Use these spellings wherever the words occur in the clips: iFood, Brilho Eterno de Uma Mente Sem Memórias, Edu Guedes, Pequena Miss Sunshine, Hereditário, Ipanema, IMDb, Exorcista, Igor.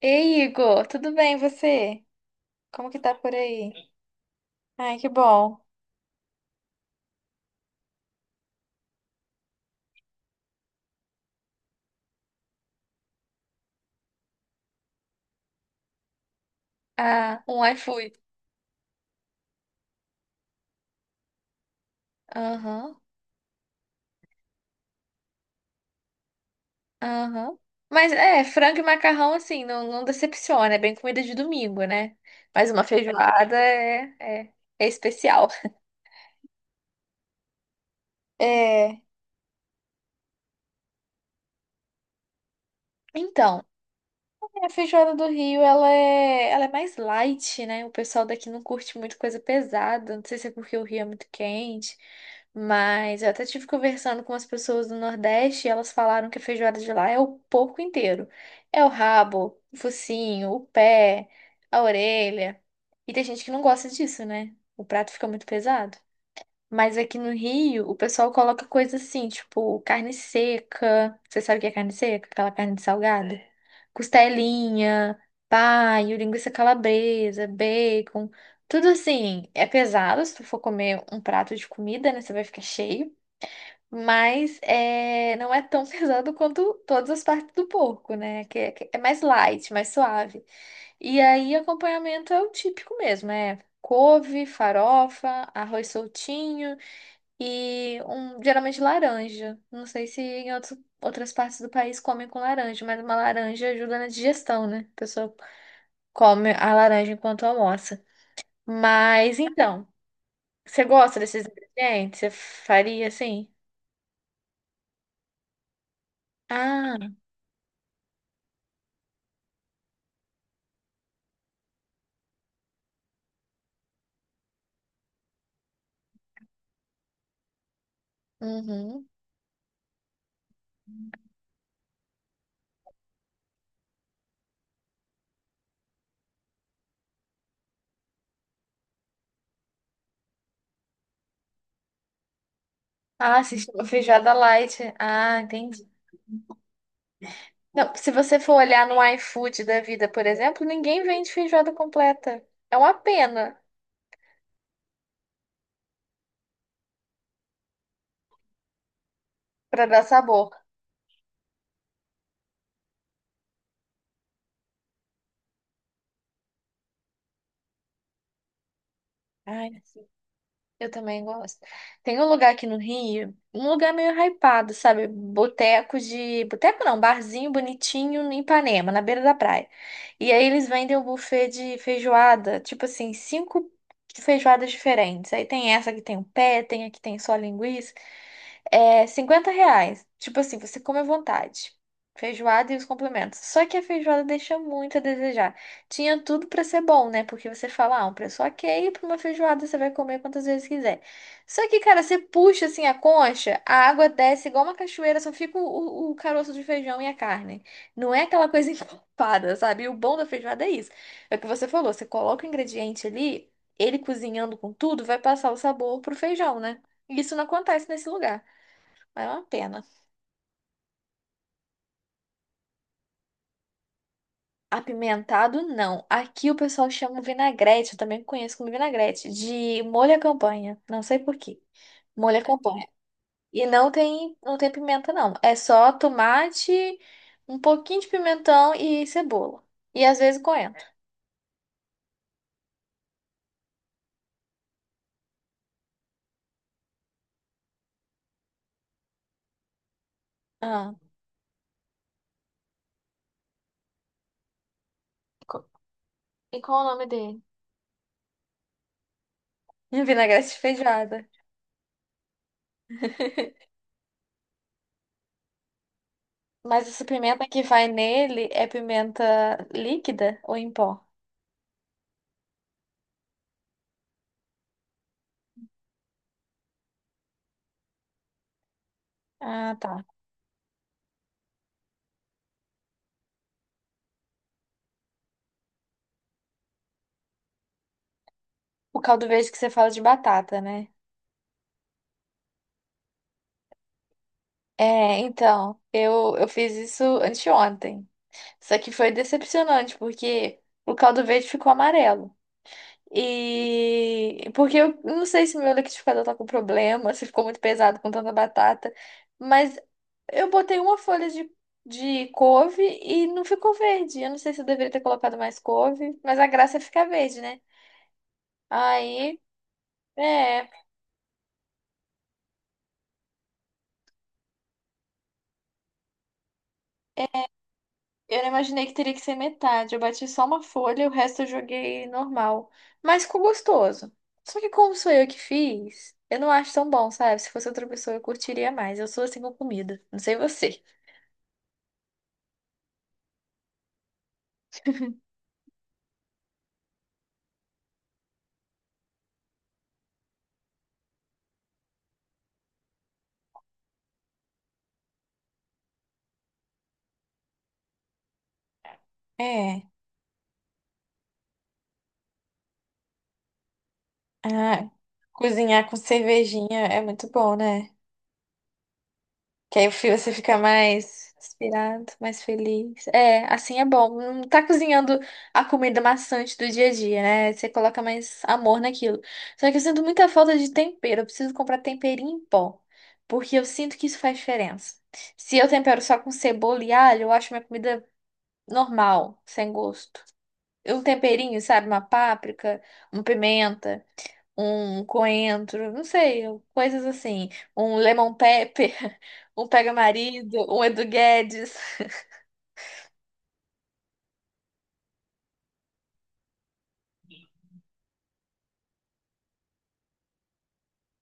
Ei, Igor, tudo bem, e você? Como que tá por aí? Ai, que bom. Ah, um iFood. Aham, aham. Mas é, frango e macarrão, assim, não decepciona. É bem comida de domingo, né? Mas uma feijoada é é especial. É, então. A feijoada do Rio, ela é mais light, né? O pessoal daqui não curte muito coisa pesada. Não sei se é porque o Rio é muito quente, mas eu até tive conversando com as pessoas do Nordeste e elas falaram que a feijoada de lá é o porco inteiro. É o rabo, o focinho, o pé, a orelha. E tem gente que não gosta disso, né? O prato fica muito pesado. Mas aqui no Rio, o pessoal coloca coisa assim, tipo carne seca. Você sabe o que é carne seca? Aquela carne de salgada? É. Costelinha, paio, linguiça calabresa, bacon. Tudo assim, é pesado. Se tu for comer um prato de comida, né, você vai ficar cheio. Mas é, não é tão pesado quanto todas as partes do porco, né? Que é mais light, mais suave. E aí, acompanhamento é o típico mesmo, é couve, farofa, arroz soltinho. E um, geralmente laranja. Não sei se em outras partes do país comem com laranja, mas uma laranja ajuda na digestão, né? A pessoa come a laranja enquanto almoça. Mas então, você gosta desses ingredientes? Você faria assim? Ah, uhum. Ah, se chama feijoada light. Ah, entendi. Não, se você for olhar no iFood da vida, por exemplo, ninguém vende feijoada completa. É uma pena para dar sabor. Ai. Eu também gosto. Tem um lugar aqui no Rio, um lugar meio hypado, sabe? Boteco de. Boteco não, barzinho bonitinho em Ipanema, na beira da praia. E aí eles vendem o buffet de feijoada, tipo assim, cinco feijoadas diferentes. Aí tem essa que tem o pé, tem a que tem só linguiça. É R$ 50. Tipo assim, você come à vontade. Feijoada e os complementos. Só que a feijoada deixa muito a desejar. Tinha tudo pra ser bom, né? Porque você fala, ah, um preço ok, pra uma feijoada você vai comer quantas vezes quiser. Só que, cara, você puxa assim a concha, a água desce igual uma cachoeira, só fica o caroço de feijão e a carne. Não é aquela coisa encorpada, sabe? E o bom da feijoada é isso. É o que você falou, você coloca o ingrediente ali, ele cozinhando com tudo, vai passar o sabor pro feijão, né? E isso não acontece nesse lugar. Mas é uma pena. Apimentado, não. Aqui o pessoal chama vinagrete, eu também conheço como vinagrete, de molho à campanha. Não sei por quê. Molho à campanha. E não tem pimenta, não. É só tomate, um pouquinho de pimentão e cebola. E às vezes coentro. Ah, co- e qual é o nome dele? Vinagrete de feijoada. Mas essa pimenta que vai nele é pimenta líquida ou em pó? Ah, tá. O caldo verde que você fala de batata, né? É, então, eu fiz isso anteontem. Só que foi decepcionante, porque o caldo verde ficou amarelo. E porque eu não sei se meu liquidificador tá com problema, se ficou muito pesado com tanta batata, mas eu botei uma folha de couve e não ficou verde. Eu não sei se eu deveria ter colocado mais couve, mas a graça é ficar verde, né? Aí, é. Eu não imaginei que teria que ser metade. Eu bati só uma folha e o resto eu joguei normal. Mas ficou gostoso. Só que como sou eu que fiz, eu não acho tão bom, sabe? Se fosse outra pessoa, eu curtiria mais. Eu sou assim com comida. Não sei você. É. Ah, cozinhar com cervejinha é muito bom, né? Que aí o filho você fica mais inspirado, mais feliz. É, assim é bom. Não tá cozinhando a comida maçante do dia a dia, né? Você coloca mais amor naquilo. Só que eu sinto muita falta de tempero. Eu preciso comprar temperinho em pó. Porque eu sinto que isso faz diferença. Se eu tempero só com cebola e alho, eu acho minha comida normal, sem gosto. Um temperinho, sabe? Uma páprica, uma pimenta um coentro, não sei, coisas assim, um lemon pepper, um pega-marido, um Edu Guedes.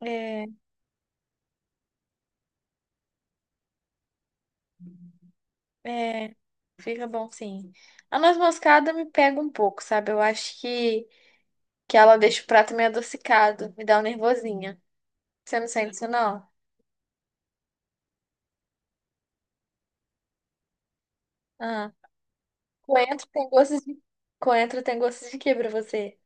É, é, fica bom sim. A noz moscada me pega um pouco, sabe? Eu acho que ela deixa o prato meio adocicado, me dá um nervosinha. Você não sente isso, não? Ah, coentro tem gostos de... Coentro tem gostos de quê pra você?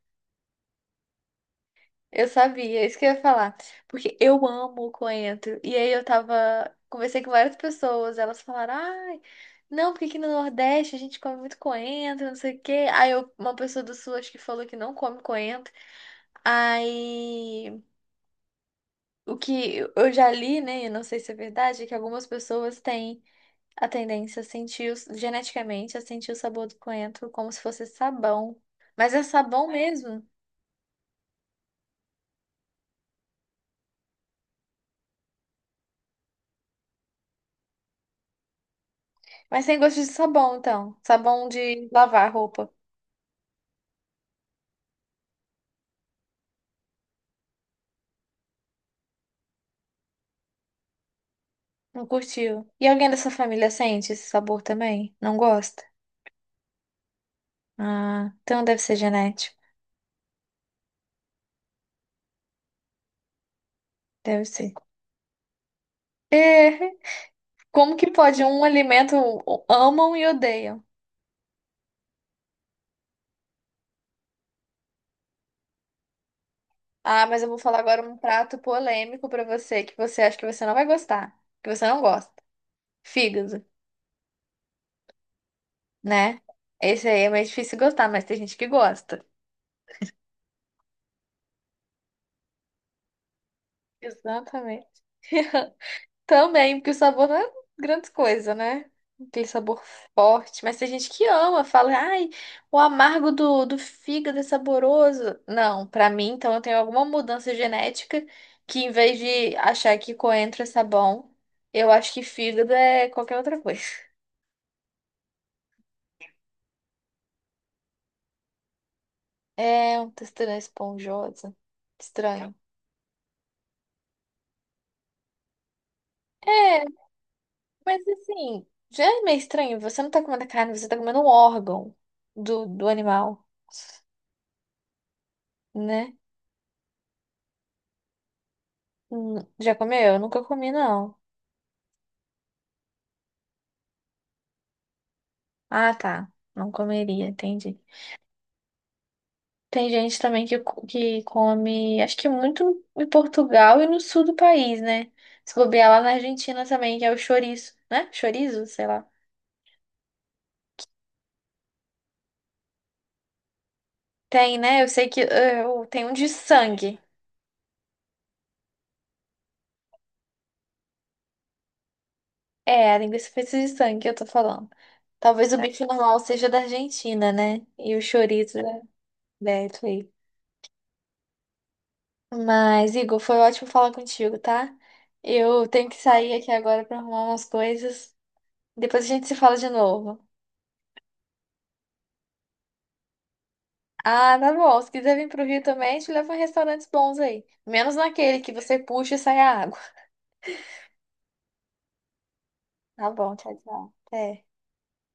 Eu sabia, é isso que eu ia falar. Porque eu amo o coentro. E aí eu tava. Conversei com várias pessoas, elas falaram, ai, não, porque aqui no Nordeste a gente come muito coentro, não sei o quê. Uma pessoa do Sul acho que falou que não come coentro. Aí o que eu já li, né? Eu não sei se é verdade, é que algumas pessoas têm a tendência a sentir geneticamente a sentir o sabor do coentro como se fosse sabão. Mas é sabão mesmo. Mas tem gosto de sabão, então. Sabão de lavar roupa. Não curtiu. E alguém da sua família sente esse sabor também? Não gosta? Ah, então deve ser genético. Deve ser. É, como que pode um alimento amam e odeiam? Ah, mas eu vou falar agora um prato polêmico pra você que você acha que você não vai gostar, que você não gosta. Fígado, né? Esse aí é mais difícil gostar, mas tem gente que gosta. Exatamente. Também, porque o sabor não é grande coisa, né? Aquele sabor forte. Mas tem gente que ama, fala, ai, o amargo do fígado é saboroso. Não, pra mim, então eu tenho alguma mudança genética que em vez de achar que coentro é sabão, eu acho que fígado é qualquer outra coisa. É uma textura esponjosa. Estranho. É, mas assim, já é meio estranho. Você não tá comendo a carne, você tá comendo um órgão do animal, né? Já comeu? Eu nunca comi, não. Ah, tá. Não comeria, entendi. Tem gente também que, que come, acho que muito em Portugal e no sul do país, né? Se bobear lá na Argentina também, que é o chouriço, né? Chorizo, sei lá. Tem, né? Eu sei que tem um de sangue. É, a linguiça feita de sangue que eu tô falando. Talvez o bife normal seja da Argentina, né? E o chorizo é da Italy. Mas, Igor, foi ótimo falar contigo, tá? Eu tenho que sair aqui agora pra arrumar umas coisas. Depois a gente se fala de novo. Ah, tá bom. Se quiser vir pro Rio também, te levo em restaurantes bons aí. Menos naquele que você puxa e sai a água. Tá bom, tchau, tchau. Até.